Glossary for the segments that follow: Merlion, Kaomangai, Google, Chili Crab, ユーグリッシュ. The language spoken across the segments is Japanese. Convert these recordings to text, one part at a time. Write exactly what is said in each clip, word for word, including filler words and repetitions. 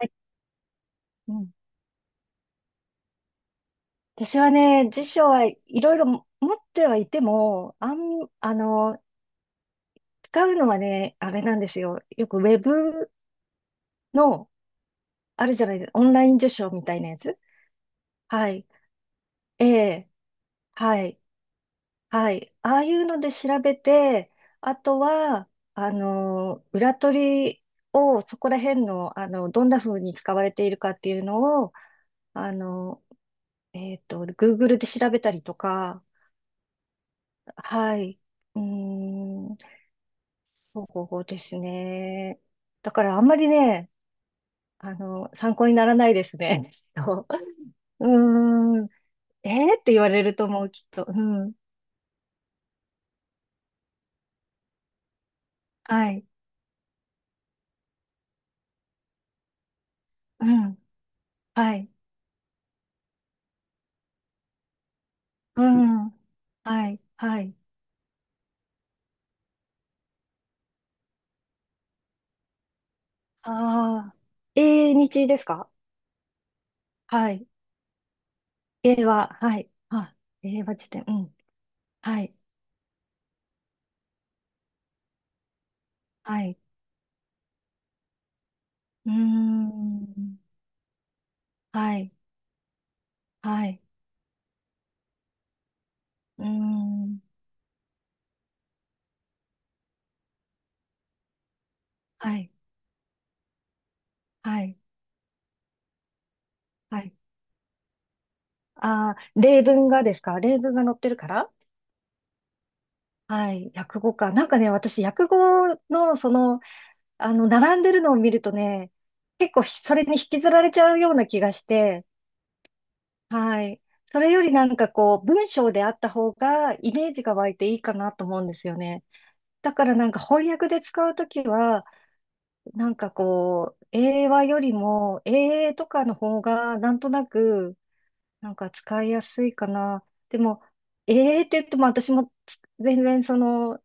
えうん、私はね、辞書はいろいろ持ってはいても、あん、あの、使うのはね、あれなんですよ。よくウェブの、あるじゃないですか、オンライン辞書みたいなやつ。はい。ええ、はい。はい。ああいうので調べて、あとは、あの、裏取りを、そこら辺の、あの、どんな風に使われているかっていうのを、あの、えっと、グーグル で調べたりとか、はい。うーんそうですね。だからあんまりね、あの、参考にならないですね。きっと うーん。えーって言われると思う、きっと。うん。はい。うん。はい。うん。はい。はい。ああ。英日ですか？はい。英は、はい。あ、英和辞典。うん。はい。はい。うーん。はい。はい。うーん。はい。はい。はい。ああ、例文がですか？例文が載ってるから、はい、訳語か。なんかね、私、訳語の、その、あの、並んでるのを見るとね、結構ひ、それに引きずられちゃうような気がして、はい。それよりなんかこう、文章であった方が、イメージが湧いていいかなと思うんですよね。だからなんか翻訳で使うときは、なんかこう、英和よりも、英英とかの方が、なんとなく、なんか使いやすいかな。でも、英英って言っても私もつ全然その、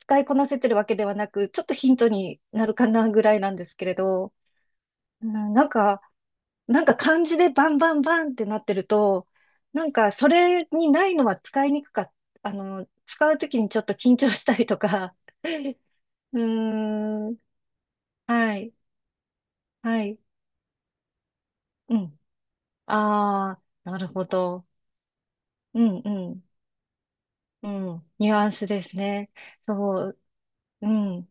使いこなせてるわけではなく、ちょっとヒントになるかなぐらいなんですけれど、うん、なんか、なんか漢字でバンバンバンってなってると、なんかそれにないのは使いにくかっあの、使うときにちょっと緊張したりとか、うーん、はい、はい、うん。ああ、なるほど。うん、うん、うん。ニュアンスですね。そう、うん。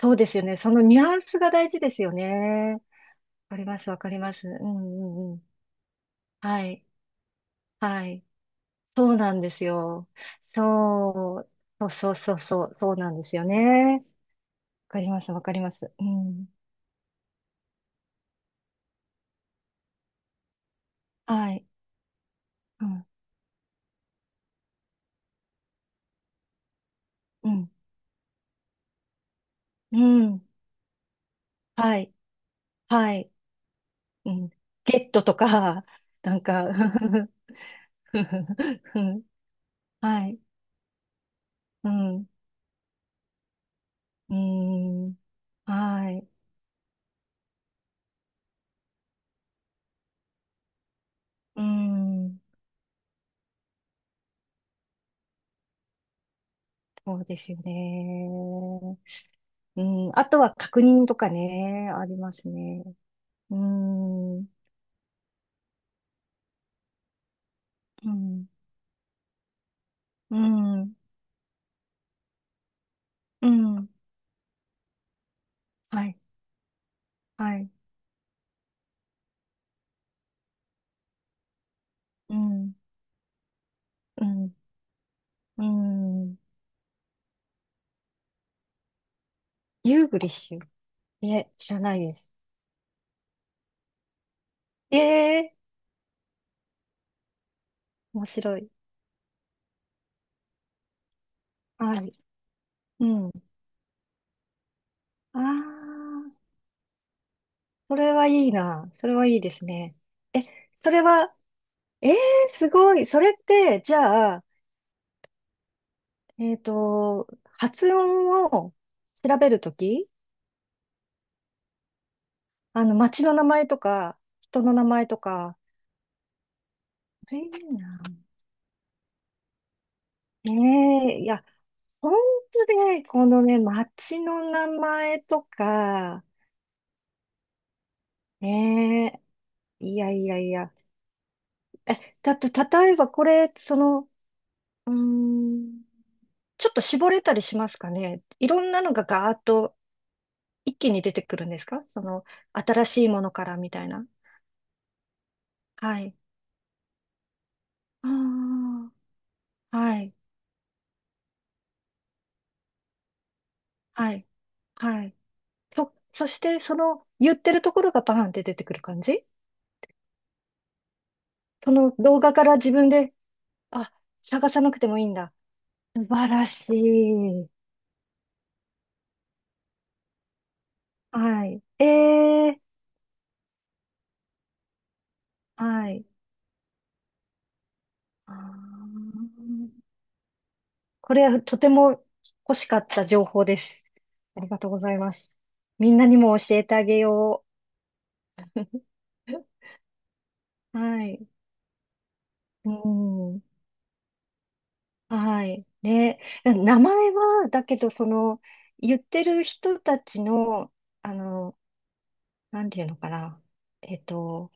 そうですよね。そのニュアンスが大事ですよね。わかります、わかります。うんうんうん。はい、はい。そうなんですよ。そう、そうそうそうそう、そうなんですよね。わかります、わかります。うん。はい。うん、うん、うん。はい、はい。うん。ゲットとか、なんか はい。うん、うん。はい。うん。そうですよね。うん。あとは確認とかね、ありますね。うーん、うん、うん、うん、はい、はい、うん、うん、うん。ユーグリッシュ？いえ、知らないです。ええ、面白い。はい。うん。ああ、それはいいな。それはいいですね。それは、ええ、すごい。それって、じゃあ、えっと、発音を調べるとき、あの、町の名前とか、人の名前とか、それいいな。ええ、いや、本当で、このね、町の名前とか、ね、え、いやいやいや。え、だと、例えばこれ、その、うーん、ちょっと絞れたりしますかね。いろんなのがガーッと一気に出てくるんですか？その、新しいものからみたいな。はい。ああ、はい、はい、はい。そ、そして、その、言ってるところがバーンって出てくる感じ？その動画から自分で、あ、探さなくてもいいんだ。素晴らしい。はい。ええ、はい。あー、これはとても欲しかった情報です。ありがとうございます。みんなにも教えてあげよう。はい。うん。はい。ね。名前は、だけど、その、言ってる人たちの、あの、なんていうのかな。えっと、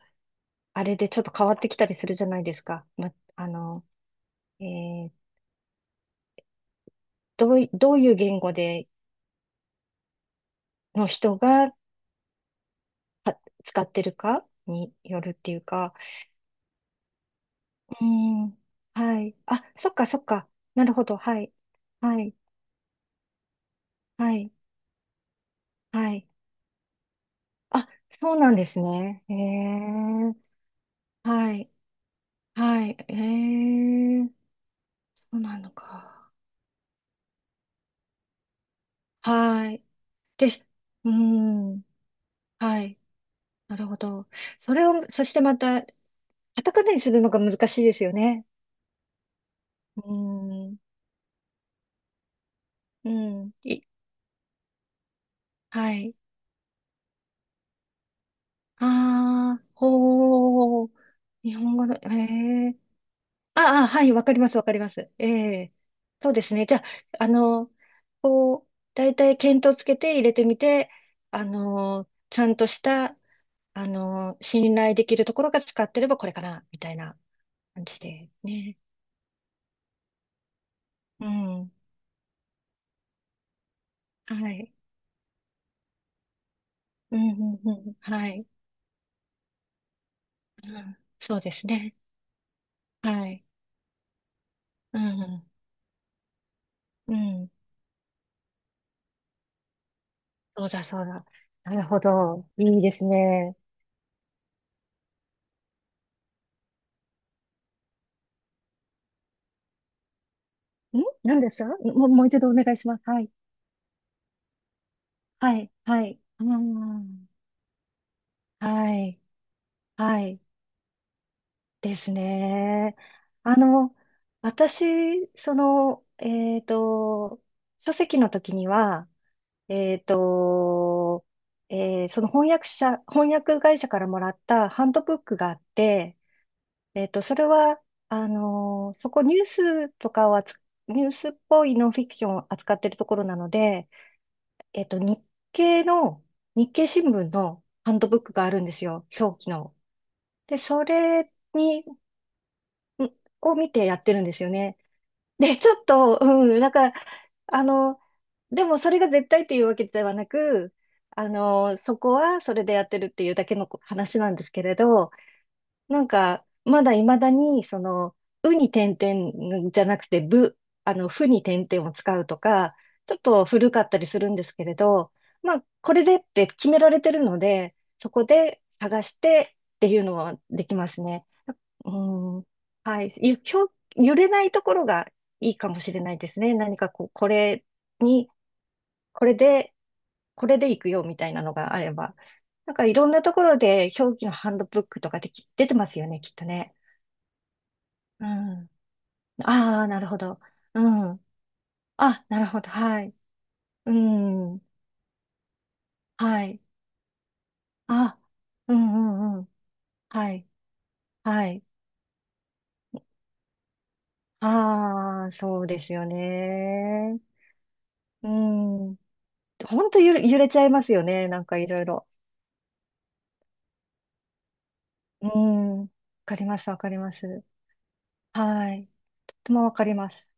あれでちょっと変わってきたりするじゃないですか。ま、あの、えーどうい、どういう言語での人がた使ってるかによるっていうか、うん、はい。あ、そっかそっか。なるほど。はい。はい。はい。はい。あ、そうなんですね。へえ。はい。はい。へえ。そうなのか。はい。で、うん。はい。なるほど。それを、そしてまた、カタカナにするのが難しいですよね。うん。うん。い、はい。ああ、ほう。日本語の、ええ、ああ、はい、わかります、わかります。ええ、そうですね。じゃあ、あの、こう、だいたい見当つけて入れてみて、あの、ちゃんとした、あの、信頼できるところが使ってればこれかな、みたいな感じでね。うん。はい。うん、うん、うん。はい。うん、そうですね。はい。うん、うん。うん、そうだ、そうだ。なるほど。いいですね。ん、何ですか？もう、もう一度お願いします。はい。はい。はい。うん。はい。はい。ですね。あの、私、その、えっと、書籍の時には、えっと、えーその翻訳者、翻訳会社からもらったハンドブックがあって、えっと、それは、あの、そこニュースとかを扱ニュースっぽいノンフィクションを扱ってるところなので、えっと、日経の、日経新聞のハンドブックがあるんですよ。表記の。で、それに、んを見てやってるんですよね。で、ちょっと、うん、なんか、あの、でもそれが絶対っていうわけではなく、あの、そこはそれでやってるっていうだけの話なんですけれど、なんか、まだ未だに、その、うに点々じゃなくて、ぶ、あの、ふに点々を使うとか、ちょっと古かったりするんですけれど、まあ、これでって決められてるので、そこで探してっていうのはできますね。うん。はい。ゆ、ひょ揺れないところがいいかもしれないですね。何かこう、これに、これで、これでいくよみたいなのがあれば。なんかいろんなところで表記のハンドブックとかでき出てますよね、きっとね。うん。ああ、なるほど。うん。あ、なるほど。はい。うん。はい。あ、うんうんうん。はい。はい。ああ、そうですよね。うん。ほんとゆれ、揺れちゃいますよね。なんかいろいろ。うん。わかります、わかります。はい。とてもわかります。